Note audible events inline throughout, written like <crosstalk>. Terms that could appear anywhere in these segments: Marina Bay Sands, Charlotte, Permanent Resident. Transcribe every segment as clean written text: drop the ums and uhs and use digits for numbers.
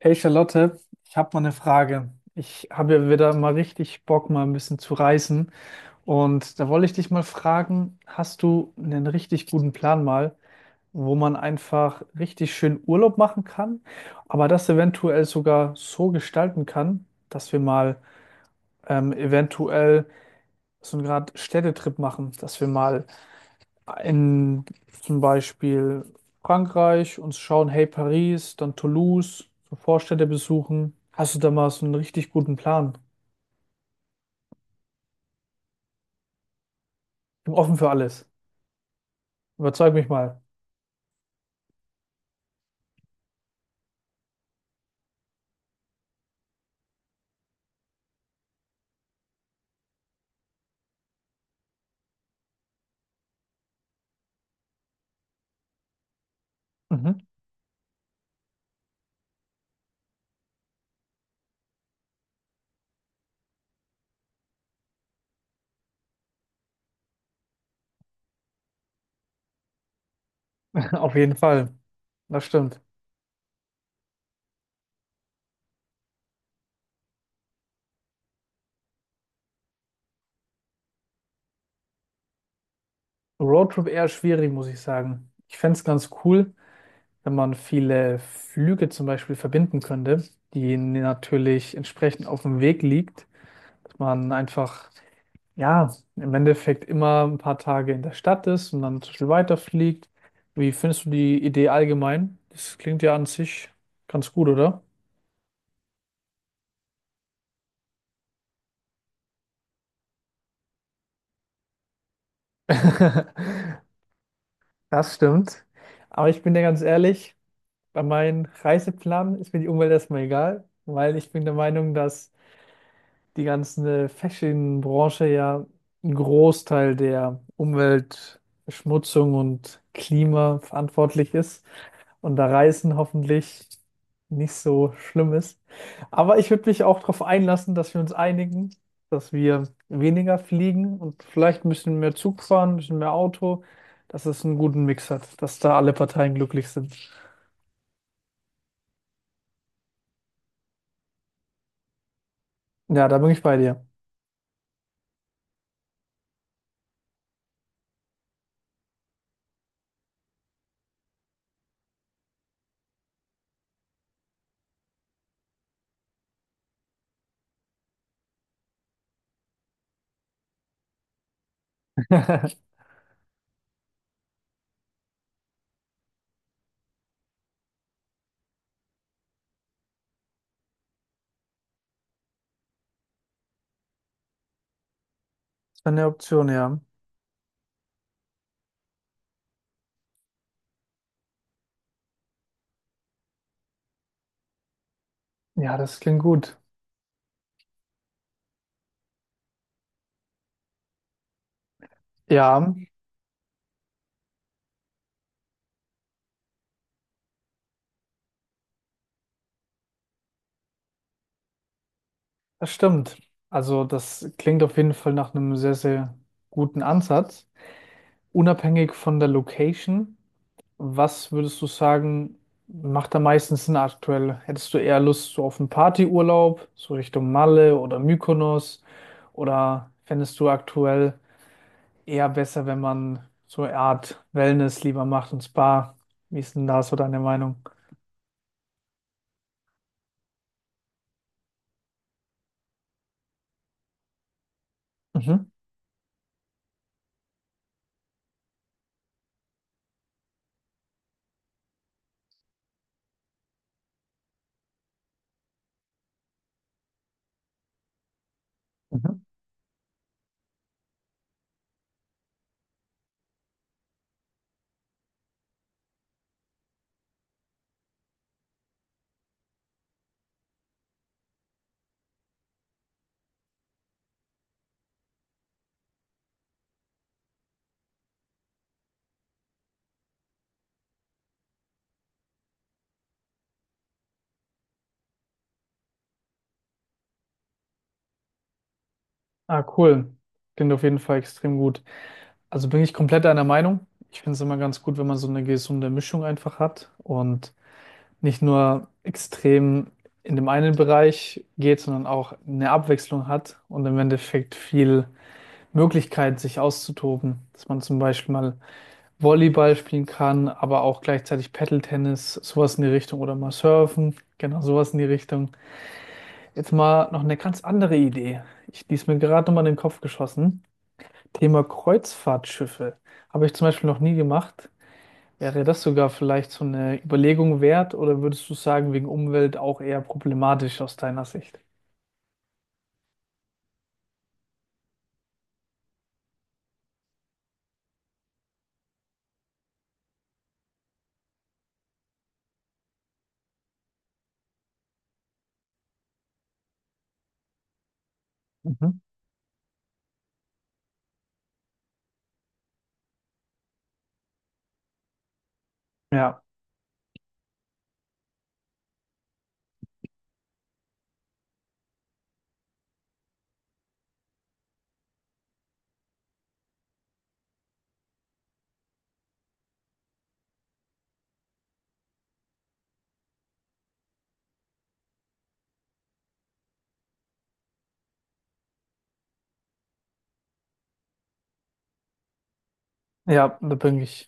Hey Charlotte, ich habe mal eine Frage. Ich habe ja wieder mal richtig Bock, mal ein bisschen zu reisen. Und da wollte ich dich mal fragen, hast du einen richtig guten Plan mal, wo man einfach richtig schön Urlaub machen kann, aber das eventuell sogar so gestalten kann, dass wir mal eventuell so einen Grad Städtetrip machen, dass wir mal in zum Beispiel Frankreich und schauen, hey Paris, dann Toulouse, so Vorstädte besuchen. Hast du da mal so einen richtig guten Plan? Ich bin offen für alles. Überzeug mich mal. Mhm. <laughs> Auf jeden Fall. Das stimmt. Roadtrip eher schwierig, muss ich sagen. Ich fände es ganz cool, wenn man viele Flüge zum Beispiel verbinden könnte, die natürlich entsprechend auf dem Weg liegt, dass man einfach ja, im Endeffekt immer ein paar Tage in der Stadt ist und dann zum Beispiel weiterfliegt. Wie findest du die Idee allgemein? Das klingt ja an sich ganz gut, oder? <laughs> Das stimmt. Aber ich bin dir ganz ehrlich, bei meinem Reiseplan ist mir die Umwelt erstmal egal, weil ich bin der Meinung, dass die ganze Fashion-Branche ja einen Großteil der Umweltverschmutzung und Klima verantwortlich ist und da Reisen hoffentlich nicht so schlimm ist. Aber ich würde mich auch darauf einlassen, dass wir uns einigen, dass wir weniger fliegen und vielleicht ein bisschen mehr Zug fahren, ein bisschen mehr Auto, dass es einen guten Mix hat, dass da alle Parteien glücklich sind. Ja, da bin ich bei dir. <laughs> Das wäre eine Option, ja. Ja, das klingt gut. Ja, das stimmt. Also das klingt auf jeden Fall nach einem sehr, sehr guten Ansatz. Unabhängig von der Location, was würdest du sagen, macht am meisten Sinn aktuell? Hättest du eher Lust so auf einen Partyurlaub, so Richtung Malle oder Mykonos? Oder fändest du aktuell eher besser, wenn man so eine Art Wellness lieber macht und Spa? Wie ist denn da so deine Meinung? Mhm. Mhm. Ah, cool. Klingt auf jeden Fall extrem gut. Also bin ich komplett einer Meinung. Ich finde es immer ganz gut, wenn man so eine gesunde Mischung einfach hat und nicht nur extrem in dem einen Bereich geht, sondern auch eine Abwechslung hat und im Endeffekt viel Möglichkeit, sich auszutoben. Dass man zum Beispiel mal Volleyball spielen kann, aber auch gleichzeitig Paddle-Tennis, sowas in die Richtung oder mal Surfen, genau sowas in die Richtung. Jetzt mal noch eine ganz andere Idee. Ich, die ist mir gerade nochmal in den Kopf geschossen. Thema Kreuzfahrtschiffe habe ich zum Beispiel noch nie gemacht. Wäre das sogar vielleicht so eine Überlegung wert oder würdest du sagen, wegen Umwelt auch eher problematisch aus deiner Sicht? Mhm. Ja, ja, da bin ich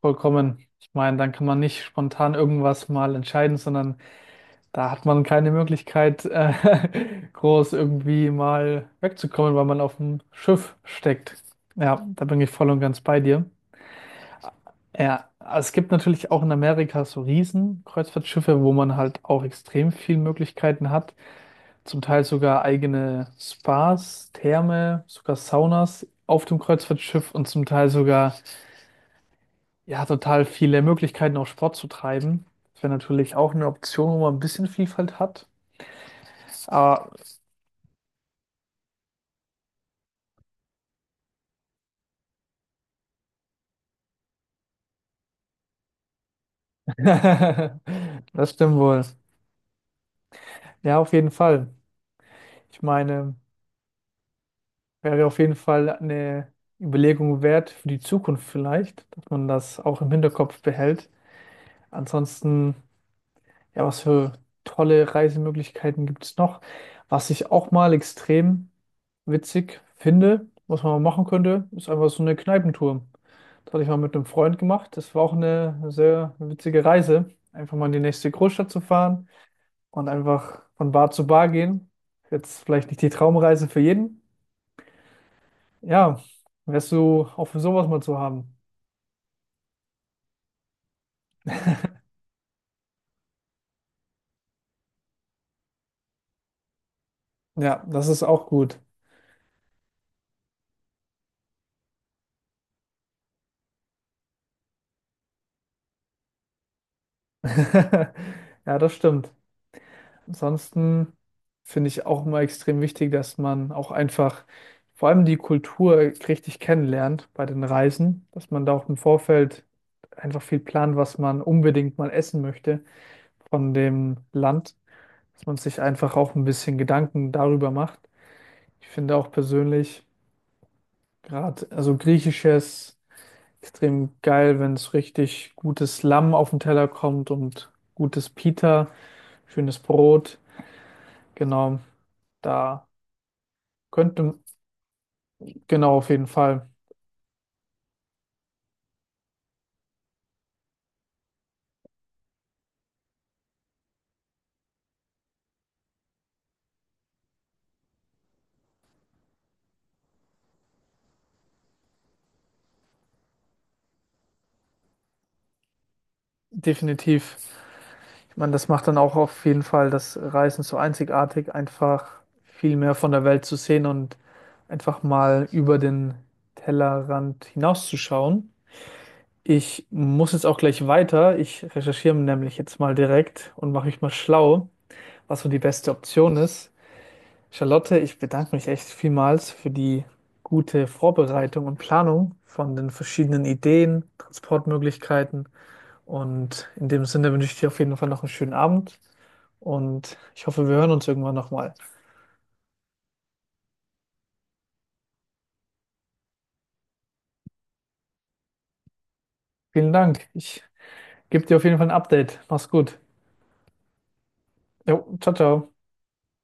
vollkommen. Ich meine, dann kann man nicht spontan irgendwas mal entscheiden, sondern da hat man keine Möglichkeit, <laughs> groß irgendwie mal wegzukommen, weil man auf dem Schiff steckt. Ja, da bin ich voll und ganz bei dir. Ja, also es gibt natürlich auch in Amerika so Riesen-Kreuzfahrtschiffe, wo man halt auch extrem viele Möglichkeiten hat. Zum Teil sogar eigene Spas, Therme, sogar Saunas auf dem Kreuzfahrtschiff und zum Teil sogar, ja, total viele Möglichkeiten, auch Sport zu treiben. Das wäre natürlich auch eine Option, wo man ein bisschen Vielfalt hat. Aber <laughs> das stimmt wohl. Ja, auf jeden Fall. Ich meine. Wäre auf jeden Fall eine Überlegung wert für die Zukunft vielleicht, dass man das auch im Hinterkopf behält. Ansonsten, ja, was für tolle Reisemöglichkeiten gibt es noch? Was ich auch mal extrem witzig finde, was man mal machen könnte, ist einfach so eine Kneipentour. Das hatte ich mal mit einem Freund gemacht. Das war auch eine sehr witzige Reise. Einfach mal in die nächste Großstadt zu fahren und einfach von Bar zu Bar gehen. Jetzt vielleicht nicht die Traumreise für jeden, ja, wärst du auch für sowas mal zu haben. Ja, das ist auch gut. <laughs> Ja, das stimmt. Ansonsten finde ich auch immer extrem wichtig, dass man auch einfach vor allem die Kultur richtig kennenlernt bei den Reisen, dass man da auch im Vorfeld einfach viel plant, was man unbedingt mal essen möchte von dem Land, dass man sich einfach auch ein bisschen Gedanken darüber macht. Ich finde auch persönlich gerade, also griechisches, extrem geil, wenn es richtig gutes Lamm auf den Teller kommt und gutes Pita, schönes Brot. Genau, da könnte, genau, auf jeden Fall, definitiv. Ich meine, das macht dann auch auf jeden Fall das Reisen so einzigartig, einfach viel mehr von der Welt zu sehen und einfach mal über den Tellerrand hinauszuschauen. Ich muss jetzt auch gleich weiter. Ich recherchiere nämlich jetzt mal direkt und mache mich mal schlau, was so die beste Option ist. Charlotte, ich bedanke mich echt vielmals für die gute Vorbereitung und Planung von den verschiedenen Ideen, Transportmöglichkeiten. Und in dem Sinne wünsche ich dir auf jeden Fall noch einen schönen Abend und ich hoffe, wir hören uns irgendwann nochmal. Vielen Dank. Ich gebe dir auf jeden Fall ein Update. Mach's gut. Jo, ciao, ciao.